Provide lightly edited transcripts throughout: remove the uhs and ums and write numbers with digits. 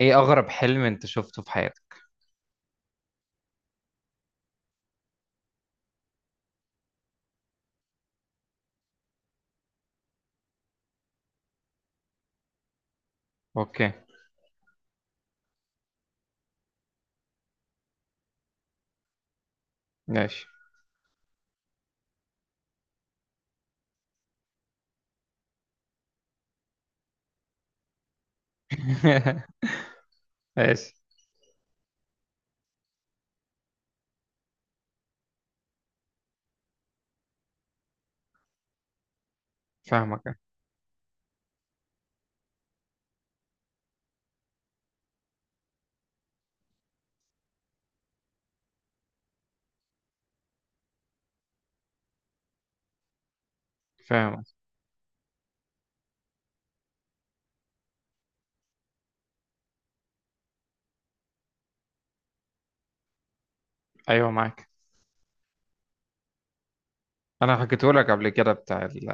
ايه اغرب حلم انت شفته في حياتك؟ اوكي. ماشي. ماشي. فاهمك. فاهمك. ايوه، معاك. انا حكيته لك قبل كده،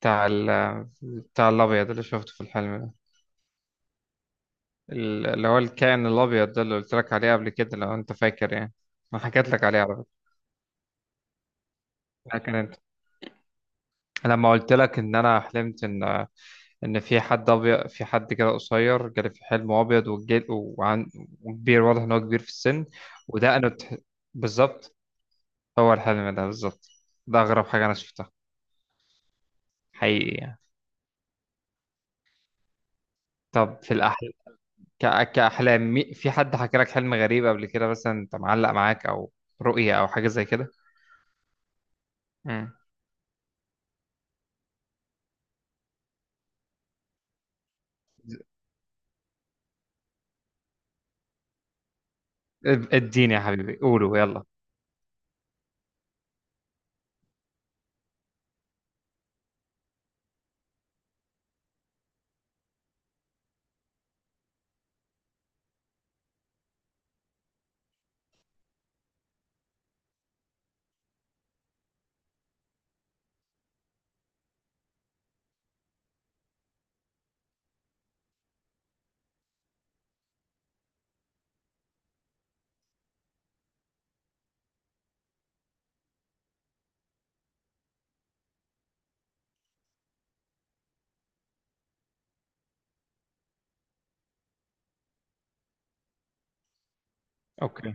بتاع ال بتاع الابيض اللي شفته في الحلم ده. اللي هو الكائن الابيض ده، اللي قلت لك عليه قبل كده، لو انت فاكر يعني. انا حكيت لك عليه على فكره. لكن انت لما قلت لك ان انا حلمت ان في حد ابيض، في حد كده قصير جالي في حلم ابيض، وكبير، واضح ان هو كبير في السن، ودقنه ت- بالظبط. هو الحلم ده بالظبط. ده أغرب حاجة أنا شفتها حقيقي يعني. طب في الأحلام، في حد حكى لك حلم غريب قبل كده مثلا، أنت معلق معاك، أو رؤية أو حاجة زي كده؟ مم. اديني يا حبيبي، قولوا يلا. أوكي.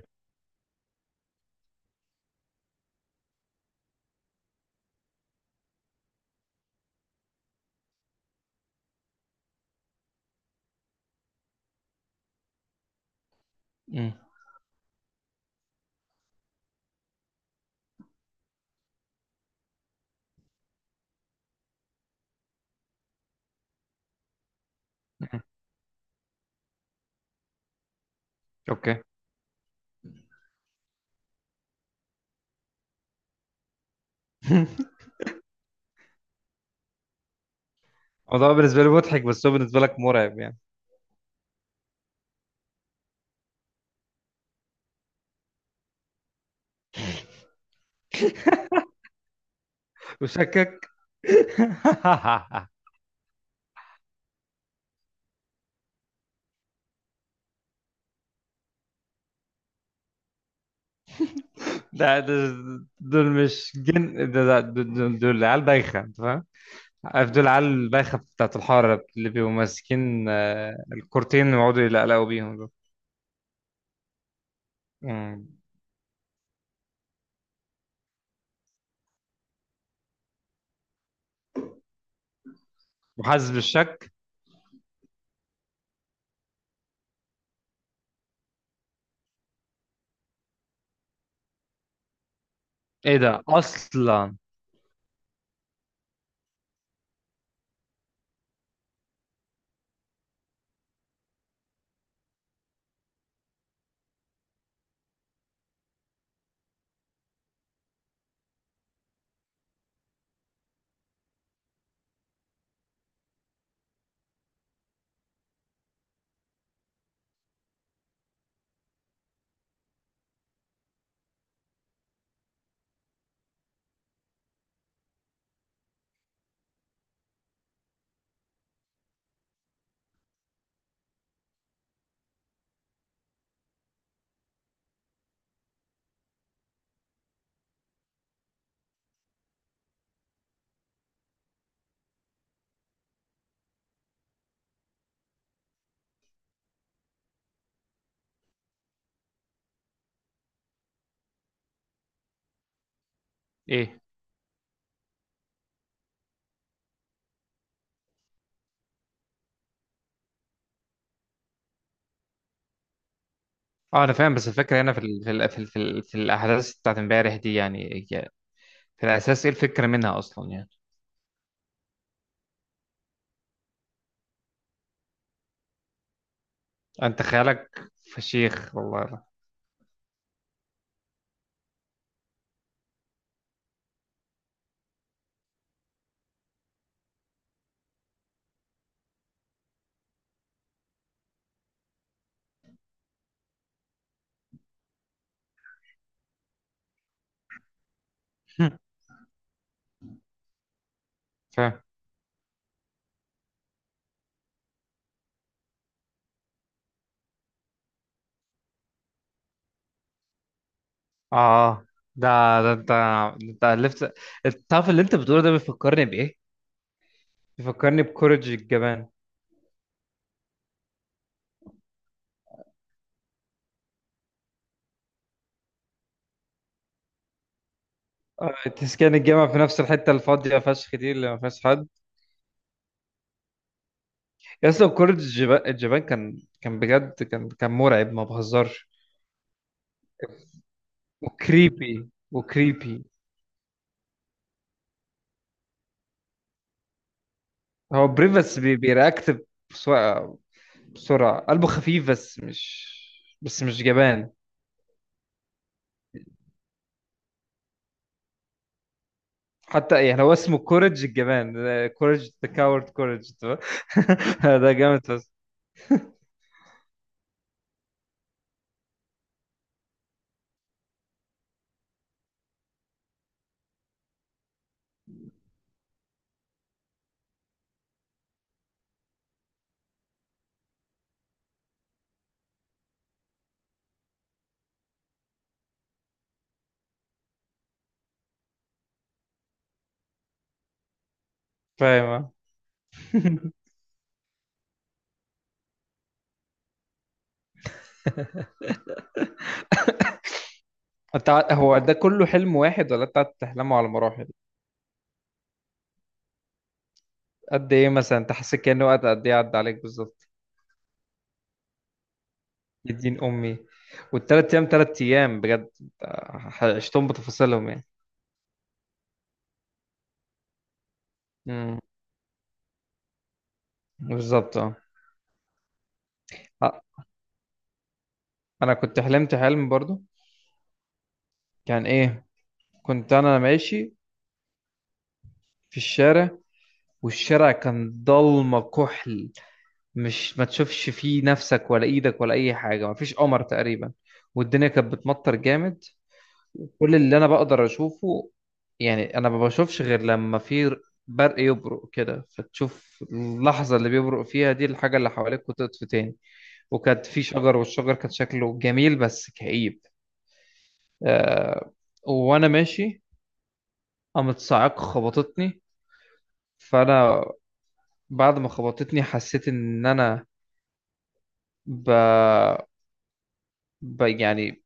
مم. مم. أوكي. الموضوع بالنسبة لي مضحك، بس هو بالنسبة لك مرعب يعني. وشكك. لا، دول مش جن، دول عيال بايخة. عارف دول عيال البايخة بتاعت الحارة اللي بيبقوا ماسكين الكورتين ويقعدوا يلقلقوا بيهم دول. مم. وحاسس بالشك. ايه ده اصلا؟ ايه. اه، انا فاهم، بس الفكرة هنا ال في, ال في الاحداث بتاعت امبارح دي، يعني هي في الاساس ايه الفكرة منها اصلا يعني؟ انت خيالك فشيخ والله. فاهم. اه. آه. ده ده انت الفت. الطرف اللي انت بتقوله ده بيفكرني بايه؟ بيفكرني بكورج الجبان. تسكان الجامعة في نفس الحتة الفاضية فشخ دي اللي ما فيهاش حد. يا اسطى، كورة الجبان كان بجد كان مرعب، ما بهزرش. وكريبي، وكريبي. هو بريف، بس بيرياكت بسرعة، قلبه خفيف، بس مش جبان. حتى يعني هو اسمه كورج الجبان. كورج ذا كاورد كورج. ده جامد بس. فاهم. آه. انت هو ده كله حلم واحد ولا انت قاعد تحلمه على مراحل؟ قد ايه مثلا؟ انت حسيت كأنه وقت قد ايه عدى عليك بالظبط؟ يا دين امي. والتلات ايام، تلات ايام بجد؟ عشتهم بتفاصيلهم يعني؟ امم. بالظبط، اه. آه، انا كنت حلمت حلم برضو. كان ايه؟ كنت انا ماشي في الشارع، والشارع كان ضلمه كحل، مش ما تشوفش فيه نفسك ولا ايدك ولا اي حاجه، ما فيش قمر تقريبا، والدنيا كانت بتمطر جامد. كل اللي انا بقدر اشوفه، يعني انا ما بشوفش غير لما في برق، يبرق كده فتشوف اللحظة اللي بيبرق فيها دي الحاجة اللي حواليك، وتطفي تاني. وكانت في شجر، والشجر كان شكله جميل بس كئيب. آه. وانا ماشي قامت صاعقة خبطتني. فانا بعد ما خبطتني حسيت ان انا ب... يعني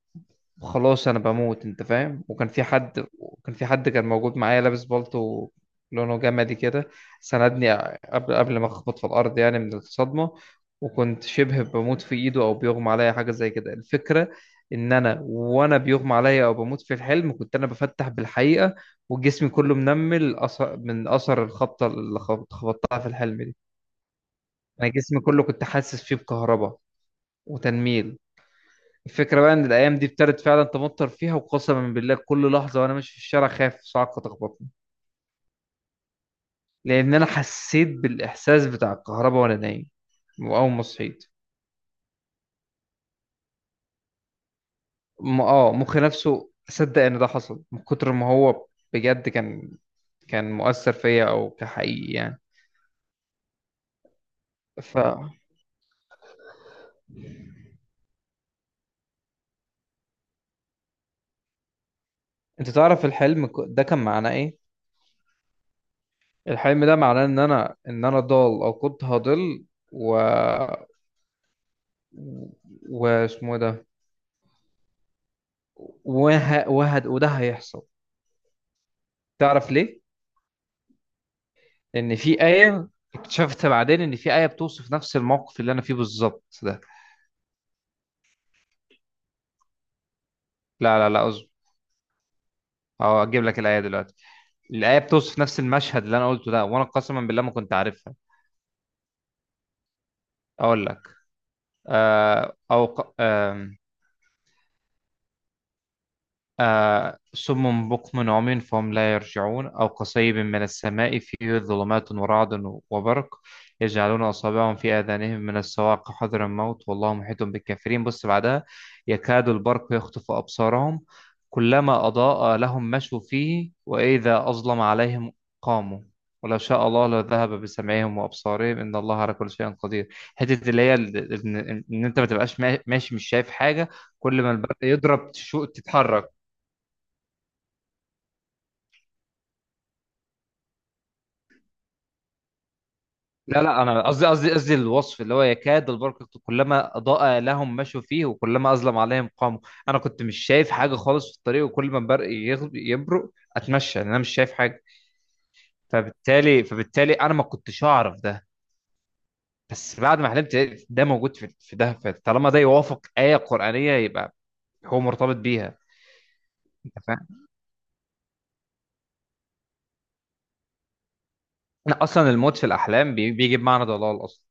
خلاص انا بموت، انت فاهم. وكان في حد، كان موجود معايا لابس بالطو، لونه جمدي كده، سندني قبل ما اخبط في الارض، يعني من الصدمه. وكنت شبه بموت في ايده، او بيغمى عليا حاجه زي كده. الفكره ان انا وانا بيغمى عليا او بموت في الحلم، كنت انا بفتح بالحقيقه، وجسمي كله منمل أثر من اثر الخبطه اللي خبطتها في الحلم دي. انا جسمي كله كنت حاسس فيه بكهرباء وتنميل. الفكرة بقى إن الأيام دي ابتدت فعلا تمطر فيها، وقسما بالله كل لحظة وأنا ماشي في الشارع خايف صاعقة تخبطني، لأن أنا حسيت بالإحساس بتاع الكهرباء وأنا نايم. وأول ما صحيت مخي نفسه صدق إن ده حصل، من كتر ما هو بجد كان، كان مؤثر فيا أو كحقيقي يعني. ف أنت تعرف الحلم ده كان معناه إيه؟ الحلم ده معناه إن أنا، إن أنا ضال أو كنت هضل. و و- واسمه ده. وده هيحصل. تعرف ليه؟ لأن في آية. اكتشفت بعدين إن في آية بتوصف نفس الموقف اللي أنا فيه بالظبط ده. لا، لا، لا، أصبر. أه، أجيب لك الآية دلوقتي. الآية بتوصف نفس المشهد اللي أنا قلته ده، وأنا قسما بالله ما كنت عارفها. أقول لك. آه أو ق... آه صم بكم عمي فهم لا يرجعون، أو كصيب من السماء فيه ظلمات ورعد وبرق، يجعلون أصابعهم في آذانهم من الصواعق حذر الموت، والله محيط بالكافرين. بص بعدها: يكاد البرق يخطف أبصارهم، كلما أضاء لهم مشوا فيه، وإذا أظلم عليهم قاموا، ولو شاء الله لذهب بسمعهم وأبصارهم، إن الله على كل شيء قدير. حتة اللي هي إن، إن أنت ما تبقاش ماشي، مش شايف حاجة، كل ما البرق يضرب تتحرك. لا، لا، انا قصدي، قصدي الوصف اللي هو يكاد البرق، كلما اضاء لهم مشوا فيه، وكلما اظلم عليهم قاموا. انا كنت مش شايف حاجه خالص في الطريق، وكل ما البرق يبرق اتمشى، لأن انا مش شايف حاجه. فبالتالي انا ما كنتش اعرف ده. بس بعد ما حلمت لقيت ده موجود في ده، فطالما ده يوافق ايه قرانيه، يبقى هو مرتبط بيها. انت فاهم. انا اصلا الموت في الاحلام بيجي بمعنى ضلال اصلا.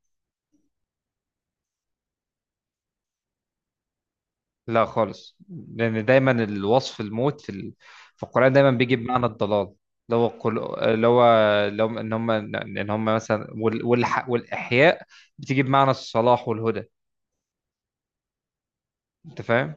لا خالص، لأن دايما الوصف، الموت في القرآن دايما بيجي بمعنى الضلال. اللي هو اللي هو لو إن هم، إن هم مثلا، والإحياء بتيجي بمعنى الصلاح والهدى. أنت فاهم؟